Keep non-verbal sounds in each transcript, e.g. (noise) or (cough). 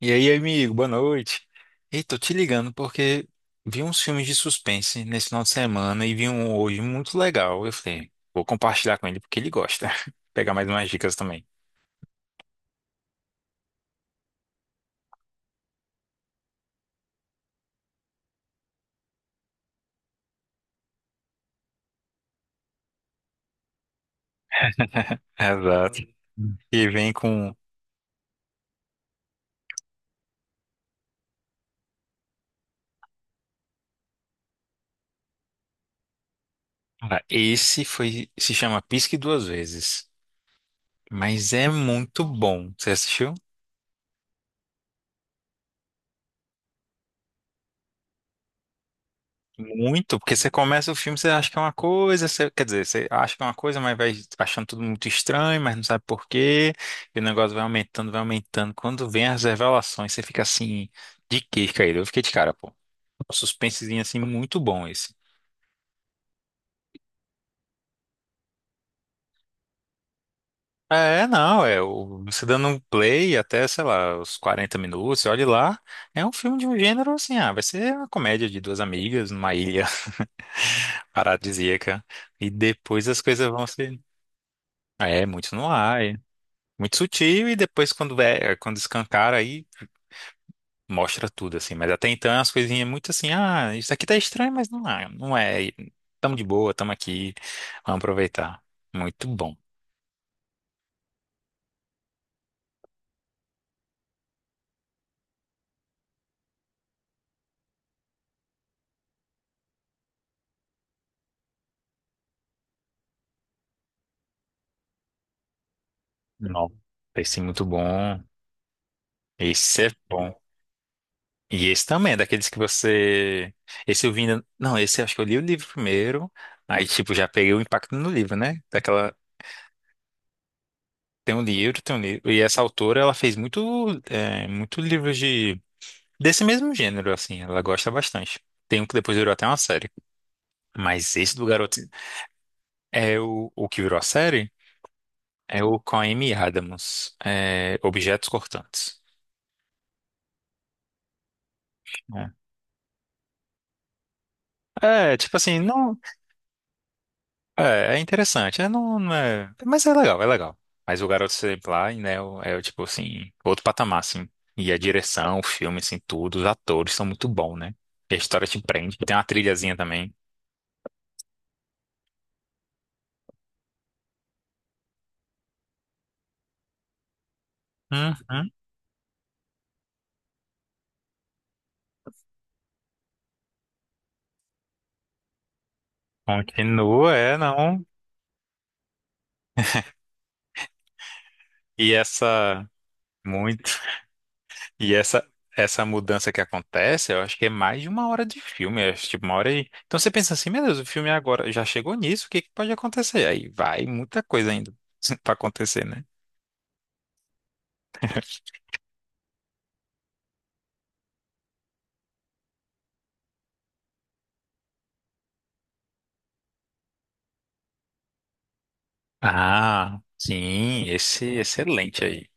E aí, amigo, boa noite. Ei, tô te ligando porque vi uns filmes de suspense nesse final de semana e vi um hoje muito legal. Eu falei, vou compartilhar com ele porque ele gosta. (laughs) Pegar mais umas dicas também. Exato. E vem com. Cara, esse foi. Se chama Pisque Duas Vezes. Mas é muito bom. Você assistiu? Muito, porque você começa o filme, você acha que é uma coisa, você- quer dizer, você acha que é uma coisa, mas vai achando tudo muito estranho, mas não sabe por quê, e o negócio vai aumentando, vai aumentando. Quando vem as revelações, você fica assim, de queixo caído. Eu fiquei de cara, pô. Um suspensezinho assim, muito bom esse. É, não, é, o- você dando um play até, sei lá, os 40 minutos, você olha lá, é um filme de um gênero assim, ah, vai ser uma comédia de duas amigas numa ilha (laughs) paradisíaca, e depois as coisas vão ser. É, muito no ar, é. Muito sutil e depois quando é, quando escancara aí mostra tudo assim, mas até então é umas coisinhas muito assim, ah, isso aqui tá estranho, mas não é, não é. E tamo de boa, tamo aqui, vamos aproveitar. Muito bom. Não, esse é muito bom. Esse é bom. E esse também, é daqueles que você. Esse eu vi. Ainda- não, esse eu acho que eu li o livro primeiro. Aí, tipo, já peguei o impacto no livro, né? Daquela. Tem um livro, tem um livro. E essa autora, ela fez muito, é, muito livro de. Desse mesmo gênero, assim, ela gosta bastante. Tem um que depois virou até uma série. Mas esse do garoto é o que virou a série é o com a Amy Adams, é, Objetos Cortantes. Né? É, tipo assim, não. É, é interessante, é, não, não é. Mas é legal, é legal. Mas o Garoto Exemplar, né, é, o- é, o tipo assim, outro patamar, assim. E a direção, o filme, assim, tudo, os atores são muito bons, né? E a história te prende. Tem uma trilhazinha também. Uhum. Continua, é, não. E essa. Muito. E essa essa mudança que acontece, eu acho que é mais de uma hora de filme, eu acho, tipo uma hora e... Então você pensa assim, meu Deus, o filme agora já chegou nisso, o que que pode acontecer? Aí vai muita coisa ainda (laughs) pra acontecer, né? Ah, sim, esse excelente aí.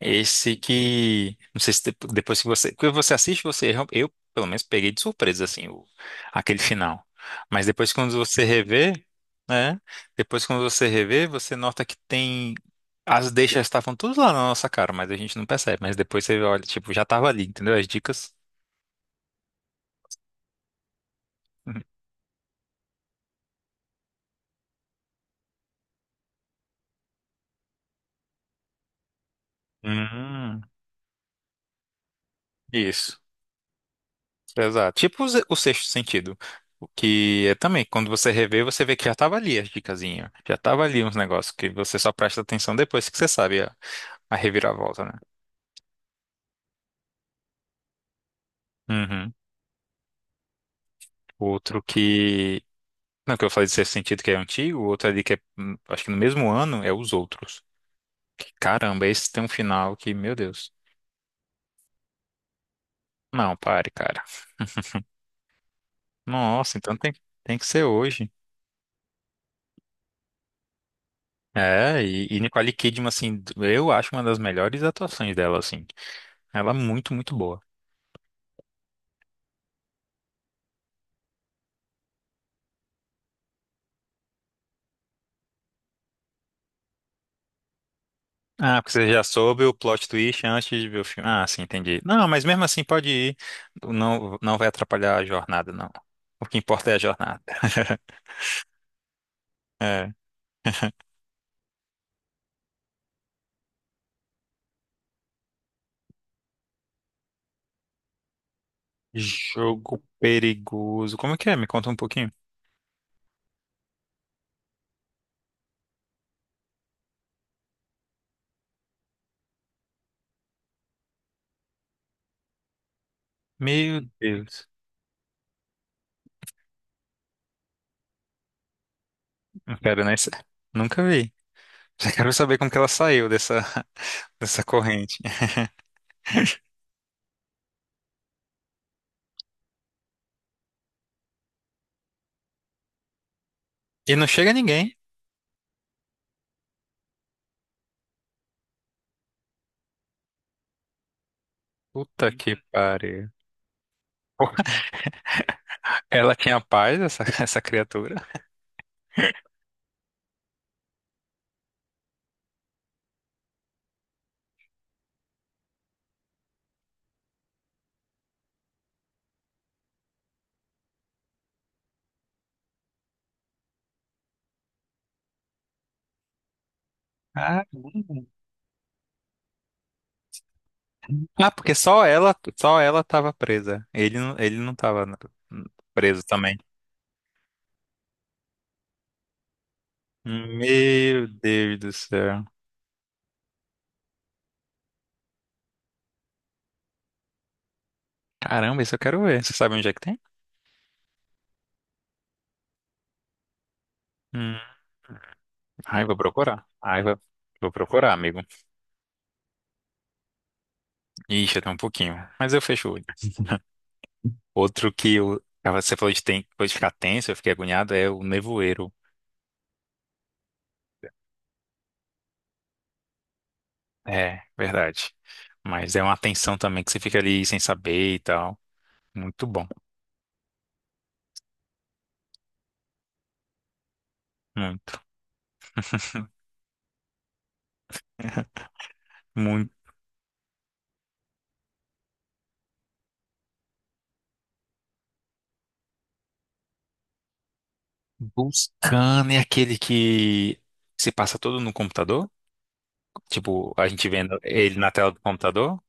Esse que. Não sei se depo- depois que você. Porque você assiste, você. Real- eu, pelo menos, peguei de surpresa, assim, o, aquele final. Mas depois, quando você revê, né? Depois, quando você revê, você nota que tem. As deixas estavam tudo lá na nossa cara, mas a gente não percebe. Mas depois você olha, tipo, já tava ali, entendeu? As dicas. (laughs) Hum, isso. Exato. Tipo o ze- o sexto sentido. O que é também, quando você revê, você vê que já tava ali as dicasinhas. Já tava ali uns negócios que você só presta atenção depois que você sabe a reviravolta, né? Uhum. Outro que. Não, que eu falei de sexto sentido que é antigo, o outro ali que é, acho que no mesmo ano, é Os Outros. Que, caramba, esse tem um final que, meu Deus. Não, pare, cara. Nossa, então tem, tem que ser hoje. É, e Nicole Kidman, assim, eu acho uma das melhores atuações dela, assim. Ela é muito, muito boa. Ah, porque você já soube o plot twist antes de ver o filme. Ah, sim, entendi. Não, mas mesmo assim pode ir. Não, não vai atrapalhar a jornada, não. O que importa é a jornada. (laughs) É. Jogo perigoso. Como é que é? Me conta um pouquinho. Meu Deus. Não quero nem sa-. Nunca vi. (laughs) Já quero saber como que ela saiu dessa, (laughs) dessa corrente. E não chega ninguém. Puta que pariu. (laughs) Ela tinha paz, essa criatura. Ah, ah, porque só ela tava presa. Ele não tava n- preso também. Meu Deus do céu. Caramba, isso eu quero ver. Você sabe onde é que tem? Hum. Ai, vou procurar. Ai, vou, vou procurar, amigo. Ixi, até um pouquinho. Mas eu fecho o olho. Outro que eu, ah, você falou de, ten, foi de ficar tenso, eu fiquei agoniado, é o Nevoeiro. É, verdade. Mas é uma tensão também que você fica ali sem saber e tal. Muito bom. Muito, (laughs) muito. Buscando é aquele que se passa todo no computador? Tipo, a gente vendo ele na tela do computador?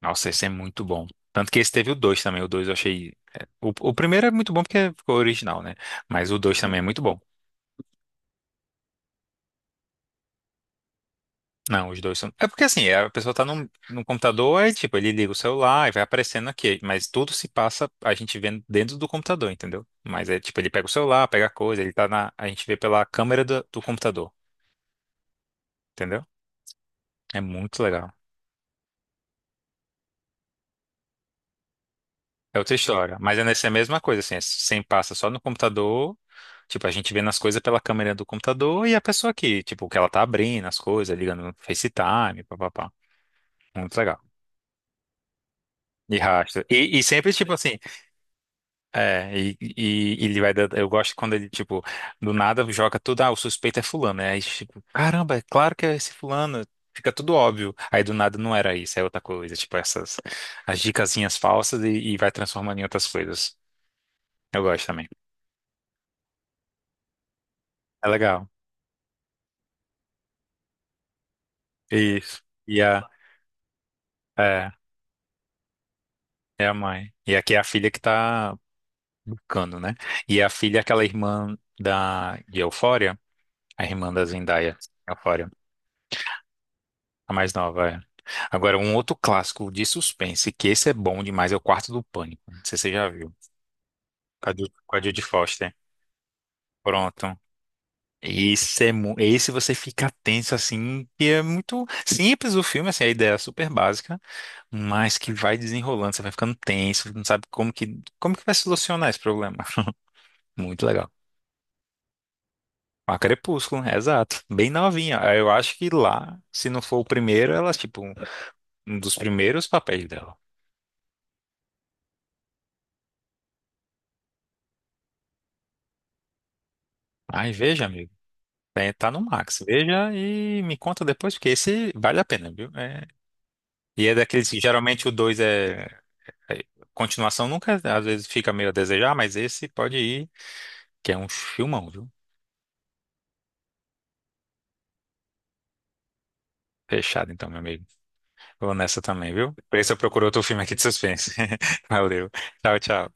Nossa, esse é muito bom. Tanto que esse teve o 2 também. O 2 eu achei. É, o primeiro é muito bom porque ficou original, né? Mas o 2 também é muito bom. Não, os dois são. É porque assim, a pessoa tá num, num computador, aí tipo, ele liga o celular e vai aparecendo aqui. Mas tudo se passa a gente vendo dentro do computador, entendeu? Mas é tipo, ele pega o celular, pega a coisa, ele tá na. A gente vê pela câmera do, do computador, entendeu? É muito legal. É outra história. Mas é nessa mesma coisa, assim, é sem passa só no computador. Tipo, a gente vê nas coisas pela câmera do computador e a pessoa aqui, tipo, que ela tá abrindo as coisas, ligando no FaceTime, papapá. Muito legal. E rastro. E sempre, tipo assim, é, e ele vai dando, eu gosto quando ele, tipo, do nada joga tudo, ah, o suspeito é fulano, né? Aí, tipo, caramba, é claro que é esse fulano, fica tudo óbvio. Aí do nada não era isso, é outra coisa, tipo, essas, as dicasinhas falsas e vai transformando em outras coisas. Eu gosto também. É legal. Isso. E a, é, é a mãe. E aqui é a filha que tá buscando, né? E a filha é aquela irmã da, de Euphoria, a irmã da Zendaya, Euphoria, a mais nova, é. Agora, um outro clássico de suspense, que esse é bom demais, é o Quarto do Pânico. Não sei se você já viu. Com a Ju- com a Judy Foster. Pronto. Esse, é, mu- esse você fica tenso, assim, e é muito simples o filme, assim, a ideia é super básica, mas que vai desenrolando, você vai ficando tenso, não sabe como que vai solucionar esse problema. (laughs) Muito legal. A Crepúsculo, é exato. Bem novinha. Eu acho que lá, se não for o primeiro, ela, tipo, um dos primeiros papéis dela. Ai, veja, amigo. É, tá no Max. Veja e me conta depois, porque esse vale a pena, viu? É. E é daqueles que geralmente o dois é, é-. Continuação nunca, às vezes, fica meio a desejar, mas esse pode ir, que é um filmão, viu? Fechado, então, meu amigo. Vou nessa também, viu? Por isso eu procuro outro filme aqui de suspense. (laughs) Valeu. Tchau, tchau.